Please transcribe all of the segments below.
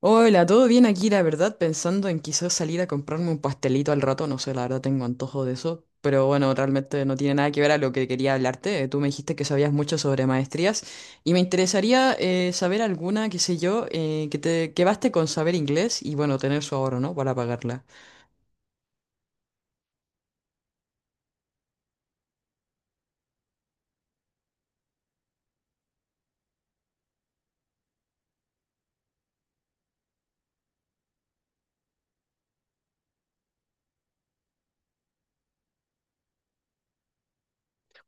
Hola, todo bien aquí, la verdad, pensando en quizás salir a comprarme un pastelito al rato, no sé, la verdad tengo antojo de eso, pero bueno, realmente no tiene nada que ver a lo que quería hablarte. Tú me dijiste que sabías mucho sobre maestrías y me interesaría saber alguna, qué sé yo, que baste con saber inglés y bueno, tener su ahorro, ¿no? Para pagarla.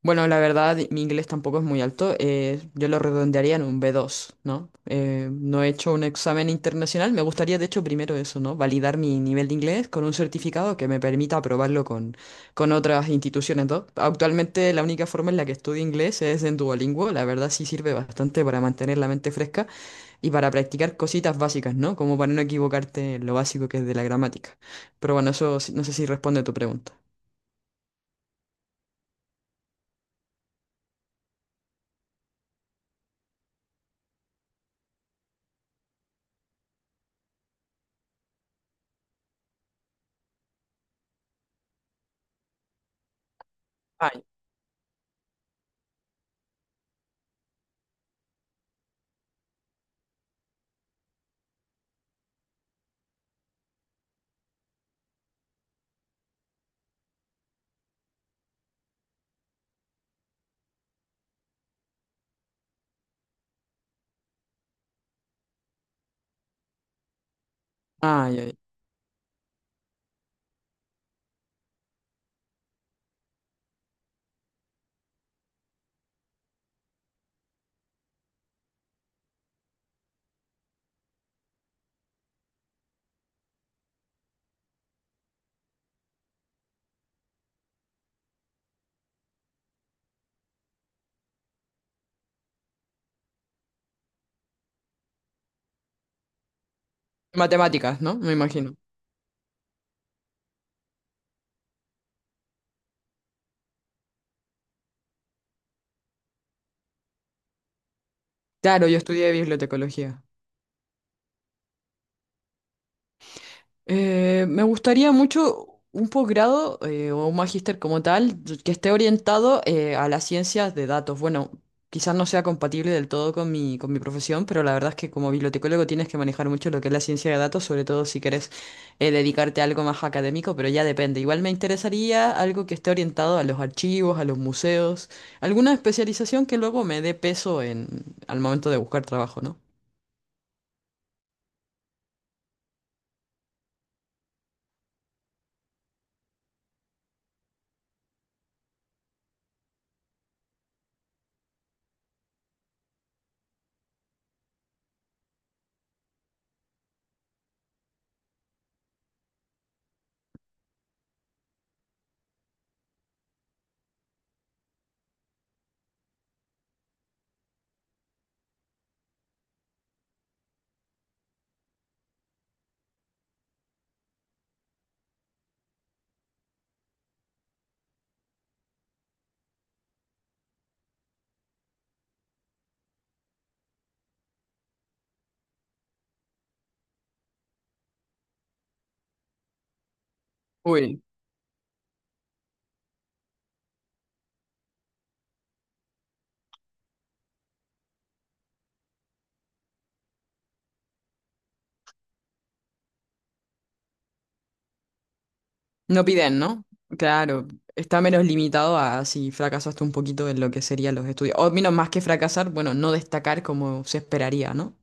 Bueno, la verdad, mi inglés tampoco es muy alto. Yo lo redondearía en un B2, ¿no? No he hecho un examen internacional. Me gustaría, de hecho, primero eso, ¿no? Validar mi nivel de inglés con un certificado que me permita aprobarlo con otras instituciones, ¿no? Actualmente, la única forma en la que estudio inglés es en Duolingo. La verdad, sí sirve bastante para mantener la mente fresca y para practicar cositas básicas, ¿no? Como para no equivocarte en lo básico que es de la gramática. Pero bueno, no sé si responde a tu pregunta. Ay, ay, ay. Matemáticas, ¿no? Me imagino. Claro, yo estudié bibliotecología. Me gustaría mucho un posgrado o un magíster como tal que esté orientado a las ciencias de datos. Bueno, quizás no sea compatible del todo con mi profesión, pero la verdad es que como bibliotecólogo tienes que manejar mucho lo que es la ciencia de datos, sobre todo si quieres dedicarte a algo más académico, pero ya depende. Igual me interesaría algo que esté orientado a los archivos, a los museos, alguna especialización que luego me dé peso en, al momento de buscar trabajo, ¿no? Uy. No piden, ¿no? Claro, está menos limitado a si fracasaste un poquito en lo que serían los estudios. O menos más que fracasar, bueno, no destacar como se esperaría, ¿no?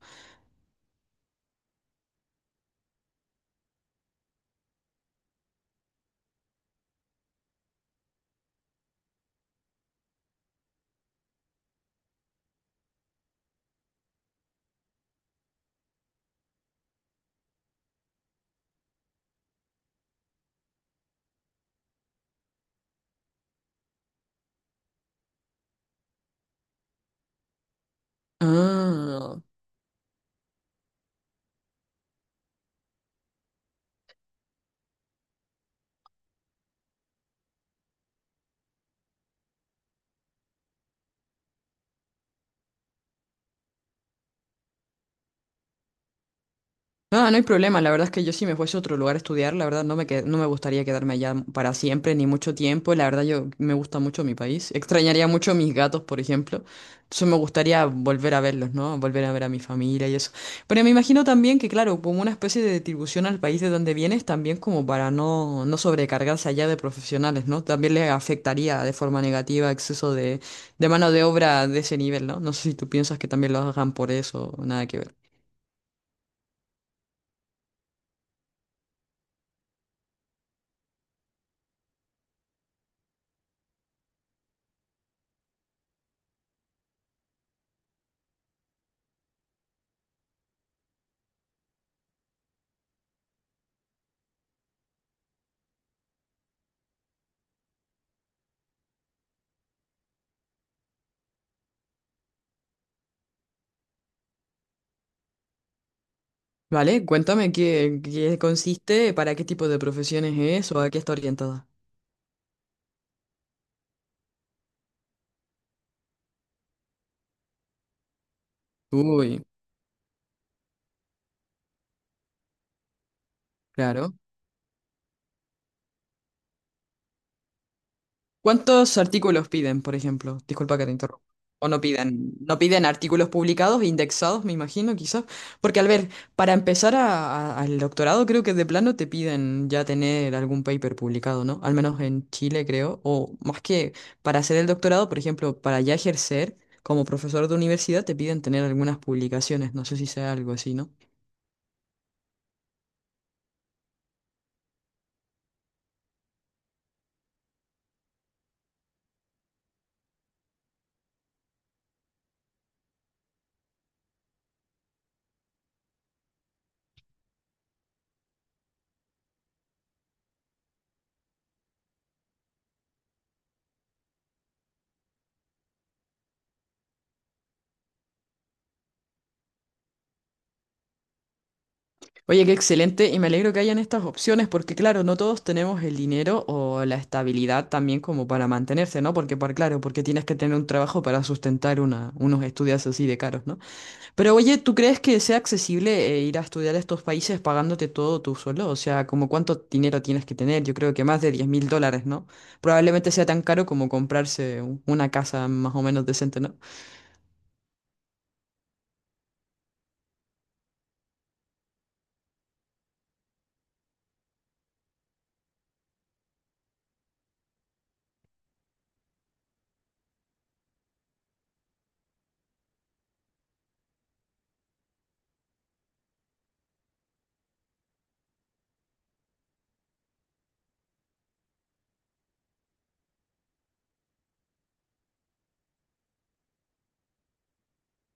Ah. No, no hay problema. La verdad es que yo si me fuese a otro lugar a estudiar, la verdad no me gustaría quedarme allá para siempre ni mucho tiempo. La verdad yo me gusta mucho mi país. Extrañaría mucho a mis gatos, por ejemplo. Entonces me gustaría volver a verlos, ¿no? Volver a ver a mi familia y eso. Pero me imagino también que, claro, como una especie de distribución al país de donde vienes, también como para no sobrecargarse allá de profesionales, ¿no? También le afectaría de forma negativa exceso de mano de obra de ese nivel, ¿no? No sé si tú piensas que también lo hagan por eso, nada que ver. Vale, cuéntame qué consiste, para qué tipo de profesiones es o a qué está orientada. Uy, claro. ¿Cuántos artículos piden, por ejemplo? Disculpa que te interrumpa. O no piden, no piden artículos publicados, indexados, me imagino, quizás. Porque, al ver, para empezar al doctorado, creo que de plano te piden ya tener algún paper publicado, ¿no? Al menos en Chile, creo. O más que para hacer el doctorado, por ejemplo, para ya ejercer como profesor de universidad, te piden tener algunas publicaciones. No sé si sea algo así, ¿no? Oye, qué excelente y me alegro que hayan estas opciones porque claro, no todos tenemos el dinero o la estabilidad también como para mantenerse, ¿no? Porque para, claro, porque tienes que tener un trabajo para sustentar una, unos estudios así de caros, ¿no? Pero oye, ¿tú crees que sea accesible ir a estudiar a estos países pagándote todo tú solo? O sea, ¿como cuánto dinero tienes que tener? Yo creo que más de $10.000, ¿no? Probablemente sea tan caro como comprarse una casa más o menos decente, ¿no?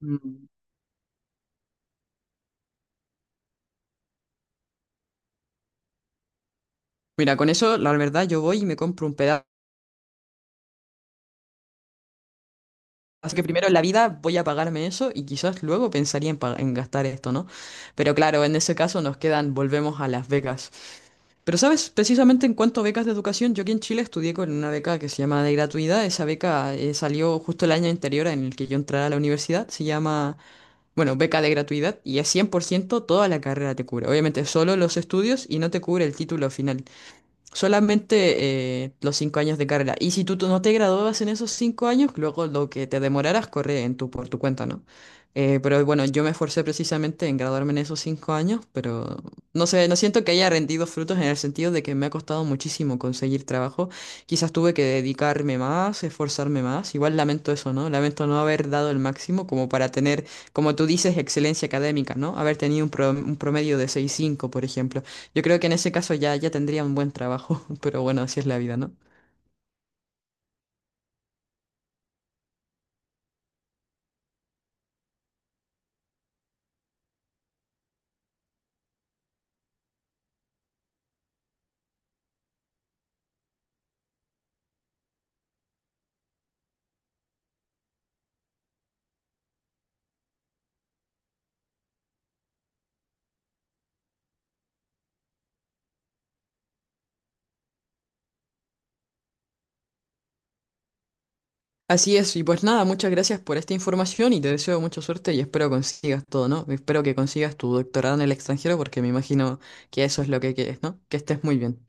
Mm. Mira, con eso, la verdad, yo voy y me compro un pedazo. Así que primero en la vida voy a pagarme eso y quizás luego pensaría en, en gastar esto, ¿no? Pero claro, en ese caso nos quedan, volvemos a las becas. Pero sabes, precisamente en cuanto a becas de educación, yo aquí en Chile estudié con una beca que se llama de gratuidad. Esa beca salió justo el año anterior en el que yo entré a la universidad. Se llama, bueno, beca de gratuidad y es 100% toda la carrera te cubre. Obviamente solo los estudios y no te cubre el título final. Solamente los 5 años de carrera. Y si tú no te graduabas en esos 5 años, luego lo que te demoraras corre en tu, por tu cuenta, ¿no? Pero bueno, yo me esforcé precisamente en graduarme en esos 5 años, pero no sé, no siento que haya rendido frutos en el sentido de que me ha costado muchísimo conseguir trabajo. Quizás tuve que dedicarme más, esforzarme más. Igual lamento eso, ¿no? Lamento no haber dado el máximo como para tener, como tú dices, excelencia académica, ¿no? Haber tenido un promedio de 6,5 por ejemplo. Yo creo que en ese caso ya tendría un buen trabajo, pero bueno, así es la vida, ¿no? Así es, y pues nada, muchas gracias por esta información y te deseo mucha suerte y espero consigas todo, ¿no? Espero que consigas tu doctorado en el extranjero porque me imagino que eso es lo que quieres, ¿no? Que estés muy bien.